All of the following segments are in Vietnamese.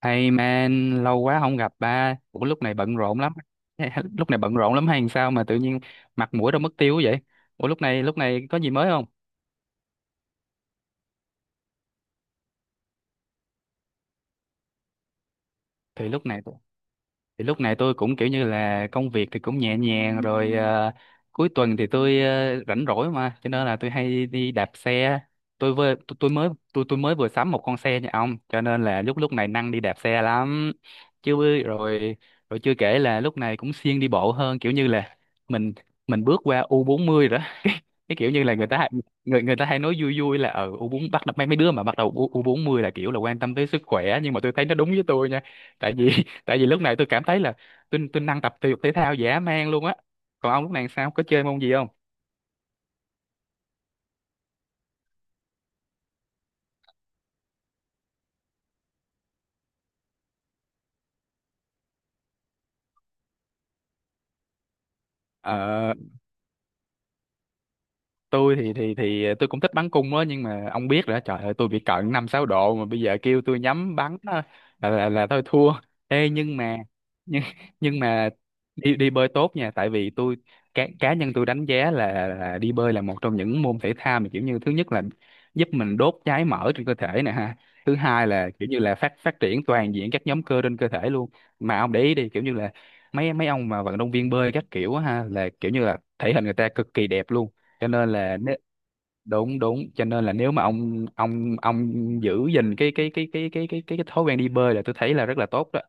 Hey man, lâu quá không gặp ba. Ủa lúc này bận rộn lắm. Lúc này bận rộn lắm hay sao mà tự nhiên mặt mũi đâu mất tiêu vậy? Ủa lúc này có gì mới không? Thì lúc này thì lúc này tôi cũng kiểu như là công việc thì cũng nhẹ nhàng rồi cuối tuần thì tôi rảnh rỗi mà cho nên là tôi hay đi đạp xe tôi vừa tôi mới vừa sắm một con xe nha ông cho nên là lúc lúc này năng đi đạp xe lắm chứ bư- rồi rồi chưa kể là lúc này cũng siêng đi bộ hơn kiểu như là mình mình bước qua U40 40 rồi đó cái kiểu như là người người ta hay nói vui vui là ở u bốn bắt đầu mấy mấy đứa mà 40 là kiểu là quan tâm tới sức khỏe nhưng mà tôi thấy nó đúng với tôi nha tại vì tại vì lúc này tôi cảm thấy là tôi năng tập thể dục thể thao dã man luôn á. Còn ông lúc này sao có chơi môn gì không? ờ tôi thì tôi cũng thích bắn cung đó nhưng mà ông biết rồi đó, trời ơi, tôi bị cận 5 6 độ mà bây giờ kêu tôi nhắm bắn á, là thôi thua. Ê nhưng mà nhưng nhưng mà đi đi bơi tốt nha tại vì tôi cá cá nhân tôi đánh giá là đi bơi là một trong những môn thể thao mà kiểu như thứ nhất là giúp mình đốt cháy mỡ trên cơ thể nè ha, thứ hai là kiểu như là phát phát triển toàn diện các nhóm cơ trên cơ thể luôn. Mà ông để ý đi kiểu như là mấy mấy ông mà vận động viên bơi các kiểu á ha là kiểu như là thể hình người ta cực kỳ đẹp luôn cho nên là nếu, đúng đúng cho nên là nếu mà ông ông giữ gìn cái thói quen đi bơi là tôi thấy là rất là tốt đó.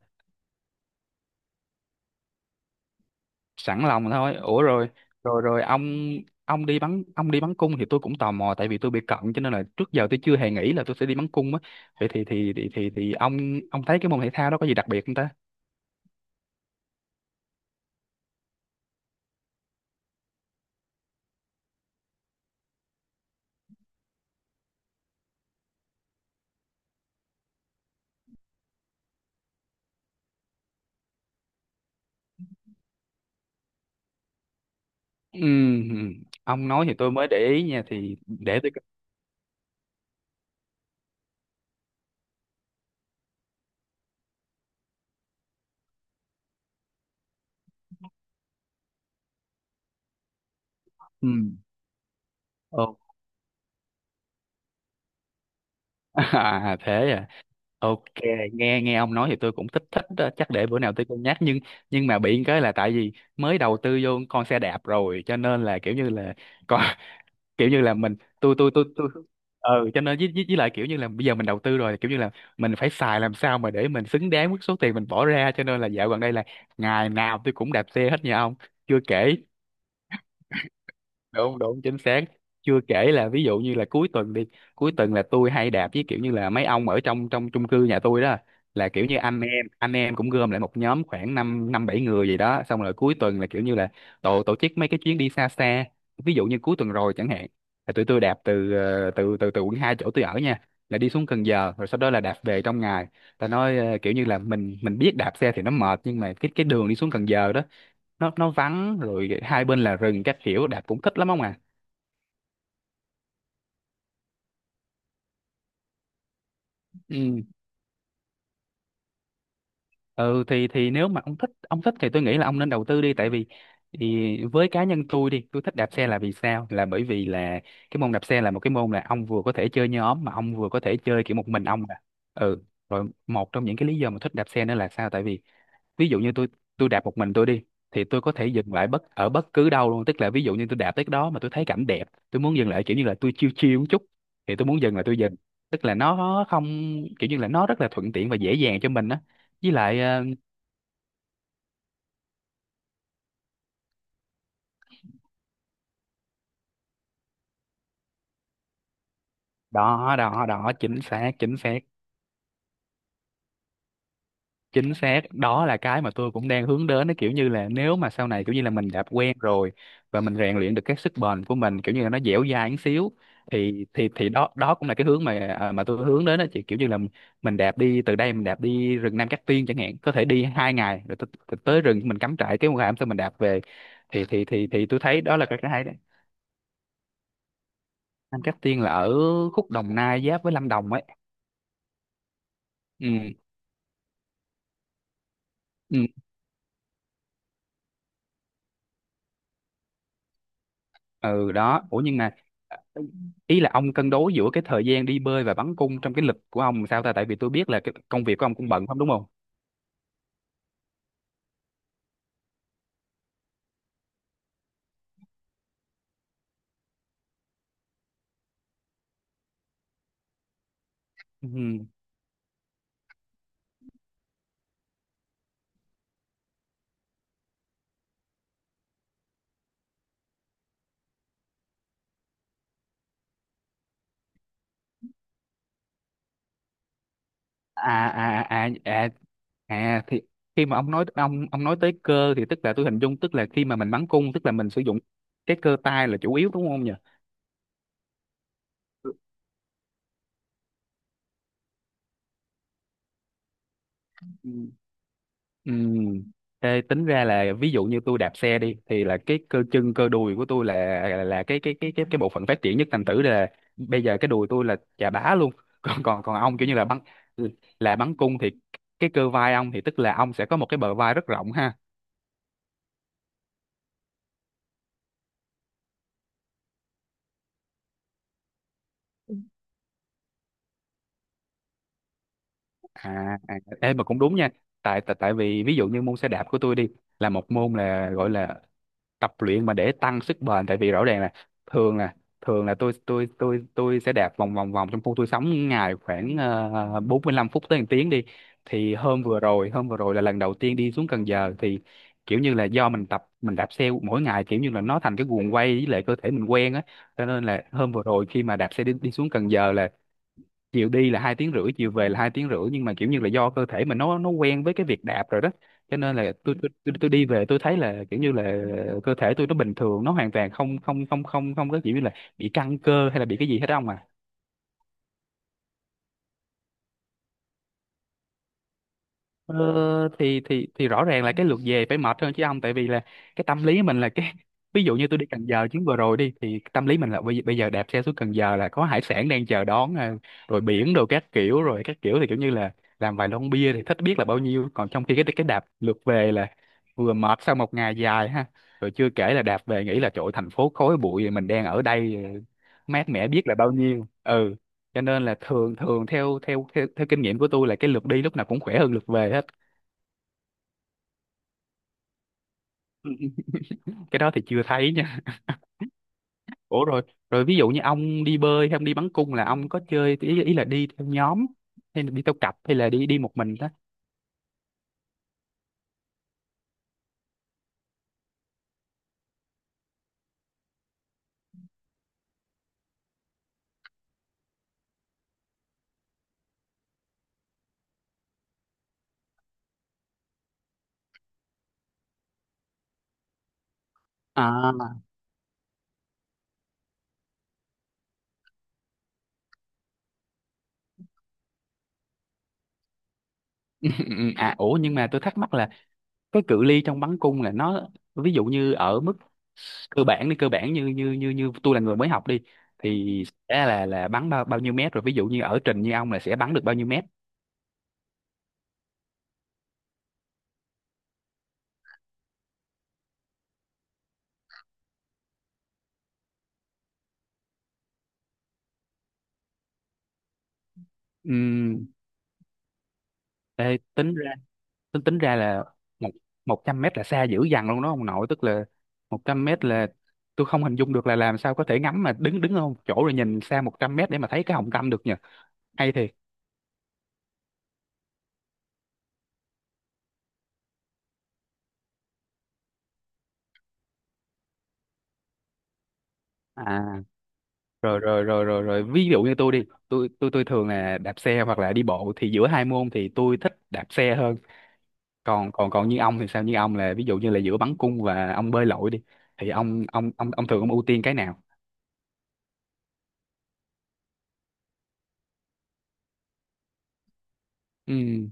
Sẵn lòng thôi. Ủa rồi rồi rồi ông ông đi bắn cung thì tôi cũng tò mò tại vì tôi bị cận cho nên là trước giờ tôi chưa hề nghĩ là tôi sẽ đi bắn cung á. Vậy thì ông thấy cái môn thể thao đó có gì đặc biệt không ta? Ừm, ông nói thì tôi mới để ý nha, thì để tôi coi. Ừm. Ồ. À, thế à. Ok, nghe nghe ông nói thì tôi cũng thích thích đó. Chắc để bữa nào tôi cân nhắc nhưng mà bị cái là tại vì mới đầu tư vô con xe đạp rồi cho nên là kiểu như là còn kiểu như là mình tôi ừ cho nên với lại kiểu như là bây giờ mình đầu tư rồi kiểu như là mình phải xài làm sao mà để mình xứng đáng với số tiền mình bỏ ra cho nên là dạo gần đây là ngày nào tôi cũng đạp xe hết nha ông. Chưa kể đúng đúng chính xác, chưa kể là ví dụ như là cuối tuần đi, cuối tuần là tôi hay đạp với kiểu như là mấy ông ở trong trong chung cư nhà tôi đó, là kiểu như anh em cũng gom lại một nhóm khoảng năm năm bảy người gì đó xong rồi cuối tuần là kiểu như là tổ tổ chức mấy cái chuyến đi xa xa. Ví dụ như cuối tuần rồi chẳng hạn là tụi tôi đạp từ ờ, từ từ từ quận 2 chỗ tôi ở nha là đi xuống Cần Giờ rồi sau đó là đạp về trong ngày. Ta nói kiểu như là mình biết đạp xe thì nó mệt nhưng mà cái đường đi xuống Cần Giờ đó nó vắng rồi hai bên là rừng các kiểu đạp cũng thích lắm không ạ. Ừ. Ừ thì nếu mà ông thích thì tôi nghĩ là ông nên đầu tư đi tại vì thì với cá nhân tôi đi, tôi thích đạp xe là vì sao, là bởi vì là cái môn đạp xe là một cái môn là ông vừa có thể chơi nhóm mà ông vừa có thể chơi kiểu một mình ông nè. Ừ rồi một trong những cái lý do mà thích đạp xe nữa là sao, tại vì ví dụ như tôi đạp một mình tôi đi thì tôi có thể dừng lại bất ở bất cứ đâu luôn, tức là ví dụ như tôi đạp tới cái đó mà tôi thấy cảnh đẹp, tôi muốn dừng lại kiểu như là tôi chill chill một chút thì tôi muốn dừng là tôi dừng, tức là nó không kiểu như là nó rất là thuận tiện và dễ dàng cho mình á. Với lại ờ, đó đó đó chính xác chính xác đó là cái mà tôi cũng đang hướng đến. Nó kiểu như là nếu mà sau này kiểu như là mình đã quen rồi và mình rèn luyện được cái sức bền của mình kiểu như là nó dẻo dai một xíu thì đó đó cũng là cái hướng mà à, mà tôi hướng đến đó chị, kiểu như là mình đạp đi từ đây mình đạp đi rừng Nam Cát Tiên chẳng hạn, có thể đi 2 ngày rồi tới, tới rừng mình cắm trại cái ngày hôm sau mình đạp về thì tôi thấy đó là cái hay đấy. Nam Cát Tiên là ở khúc Đồng Nai giáp với Lâm Đồng ấy. Ừ. Ừ. Ừ đó. Ủa nhưng mà ờ, ý là ông cân đối giữa cái thời gian đi bơi và bắn cung trong cái lịch của ông sao ta, tại vì tôi biết là cái công việc của ông cũng bận không đúng không? Ừ. À à à à, à thì khi mà ông nói ông nói tới cơ thì tức là tôi hình dung tức là khi mà mình bắn cung tức là mình sử dụng cái cơ tay là chủ yếu, đúng không nhỉ? Ừ. Ừ. Ê, tính ra là ví dụ như tôi đạp xe đi thì là cái cơ chân cơ đùi của tôi là cái bộ phận phát triển nhất, thành thử là bây giờ cái đùi tôi là chà bá luôn còn còn còn ông kiểu như là bắn bắn cung thì cái cơ vai ông thì tức là ông sẽ có một cái bờ vai rất rộng ha. À, à, ê, mà cũng đúng nha, tại tại tại vì ví dụ như môn xe đạp của tôi đi là một môn là gọi là tập luyện mà để tăng sức bền tại vì rõ ràng là thường là tôi sẽ đạp vòng vòng vòng trong khu tôi sống ngày khoảng 45 phút tới một tiếng đi, thì hôm vừa rồi là lần đầu tiên đi xuống Cần Giờ thì kiểu như là do mình tập mình đạp xe mỗi ngày kiểu như là nó thành cái guồng quay với lại cơ thể mình quen á cho nên là hôm vừa rồi khi mà đạp xe đi, đi xuống Cần Giờ là chiều đi là 2 tiếng rưỡi chiều về là 2 tiếng rưỡi nhưng mà kiểu như là do cơ thể mình nó quen với cái việc đạp rồi đó cho nên là tôi đi về tôi thấy là kiểu như là cơ thể tôi nó bình thường, nó hoàn toàn không không không không không có kiểu như là bị căng cơ hay là bị cái gì hết ông à. Ờ, thì rõ ràng là cái lượt về phải mệt hơn chứ ông, tại vì là cái tâm lý mình là cái ví dụ như tôi đi Cần Giờ chuyến vừa rồi đi thì tâm lý mình là bây giờ đạp xe xuống Cần Giờ là có hải sản đang chờ đón à, rồi biển đồ các kiểu rồi các kiểu thì kiểu như là làm vài lon bia thì thích biết là bao nhiêu, còn trong khi cái đạp lượt về là vừa mệt sau một ngày dài ha, rồi chưa kể là đạp về nghĩ là trời ơi, thành phố khói bụi mình đang ở đây mát mẻ biết là bao nhiêu ừ, cho nên là thường thường theo kinh nghiệm của tôi là cái lượt đi lúc nào cũng khỏe hơn lượt về hết. Cái đó thì chưa thấy nha. Ủa rồi rồi ví dụ như ông đi bơi hay ông đi bắn cung là ông có chơi ý là đi theo nhóm hay là đi theo cặp hay là đi đi một mình đó? À. Ừ, ừ, à ủa nhưng mà tôi thắc mắc là cái cự ly trong bắn cung là nó ví dụ như ở mức cơ bản đi, cơ bản như như như như tôi là người mới học đi thì sẽ là bắn bao bao nhiêu mét, rồi ví dụ như ở trình như ông là sẽ bắn được bao nhiêu mét? Ừm, ê, tính ra tính tính ra là một 100 mét là xa dữ dằn luôn đó ông nội, tức là 100 mét là tôi không hình dung được là làm sao có thể ngắm mà đứng đứng ở một chỗ rồi nhìn xa 100 mét để mà thấy cái hồng tâm được nhỉ. Hay thiệt. À rồi rồi rồi rồi rồi ví dụ như tôi đi tôi thường là đạp xe hoặc là đi bộ thì giữa hai môn thì tôi thích đạp xe hơn, còn còn còn như ông thì sao, như ông là ví dụ như là giữa bắn cung và ông bơi lội đi thì ông thường ông ưu tiên cái nào? Ừ.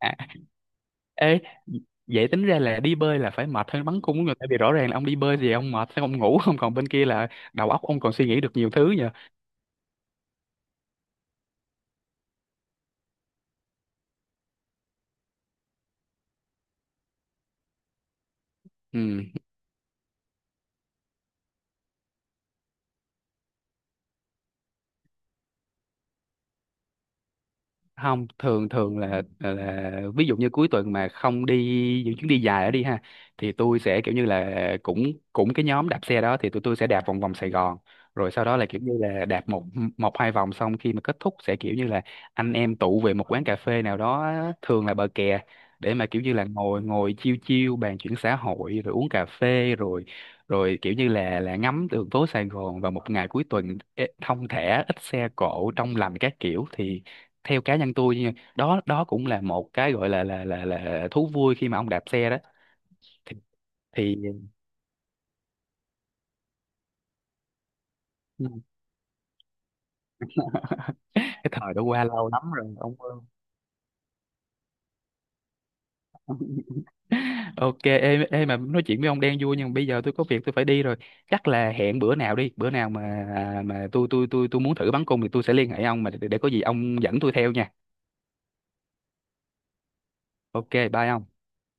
À, ê vậy tính ra là đi bơi là phải mệt hơn bắn cung của người tại vì rõ ràng là ông đi bơi thì ông mệt sẽ ông ngủ không, còn bên kia là đầu óc ông còn suy nghĩ được nhiều thứ nhờ. Ừ không, thường thường là ví dụ như cuối tuần mà không đi những chuyến đi dài đó đi ha thì tôi sẽ kiểu như là cũng cũng cái nhóm đạp xe đó thì tụi tôi sẽ đạp vòng vòng Sài Gòn rồi sau đó là kiểu như là đạp một một hai vòng xong khi mà kết thúc sẽ kiểu như là anh em tụ về một quán cà phê nào đó, thường là bờ kè, để mà kiểu như là ngồi ngồi chiêu chiêu bàn chuyện xã hội rồi uống cà phê rồi rồi kiểu như là ngắm đường phố Sài Gòn vào một ngày cuối tuần ế, thong thả ít xe cộ trong lành các kiểu thì theo cá nhân tôi nha, đó đó cũng là một cái gọi là thú vui khi mà ông đạp xe đó thì, thì. Ừ. Cái thời đã qua lâu lắm rồi ông ơi. Ok, ê, ê mà nói chuyện với ông đang vui nhưng mà bây giờ tôi có việc tôi phải đi rồi, chắc là hẹn bữa nào đi, bữa nào mà à, mà tôi muốn thử bắn cung thì tôi sẽ liên hệ ông mà để có gì ông dẫn tôi theo nha. Ok bye ông.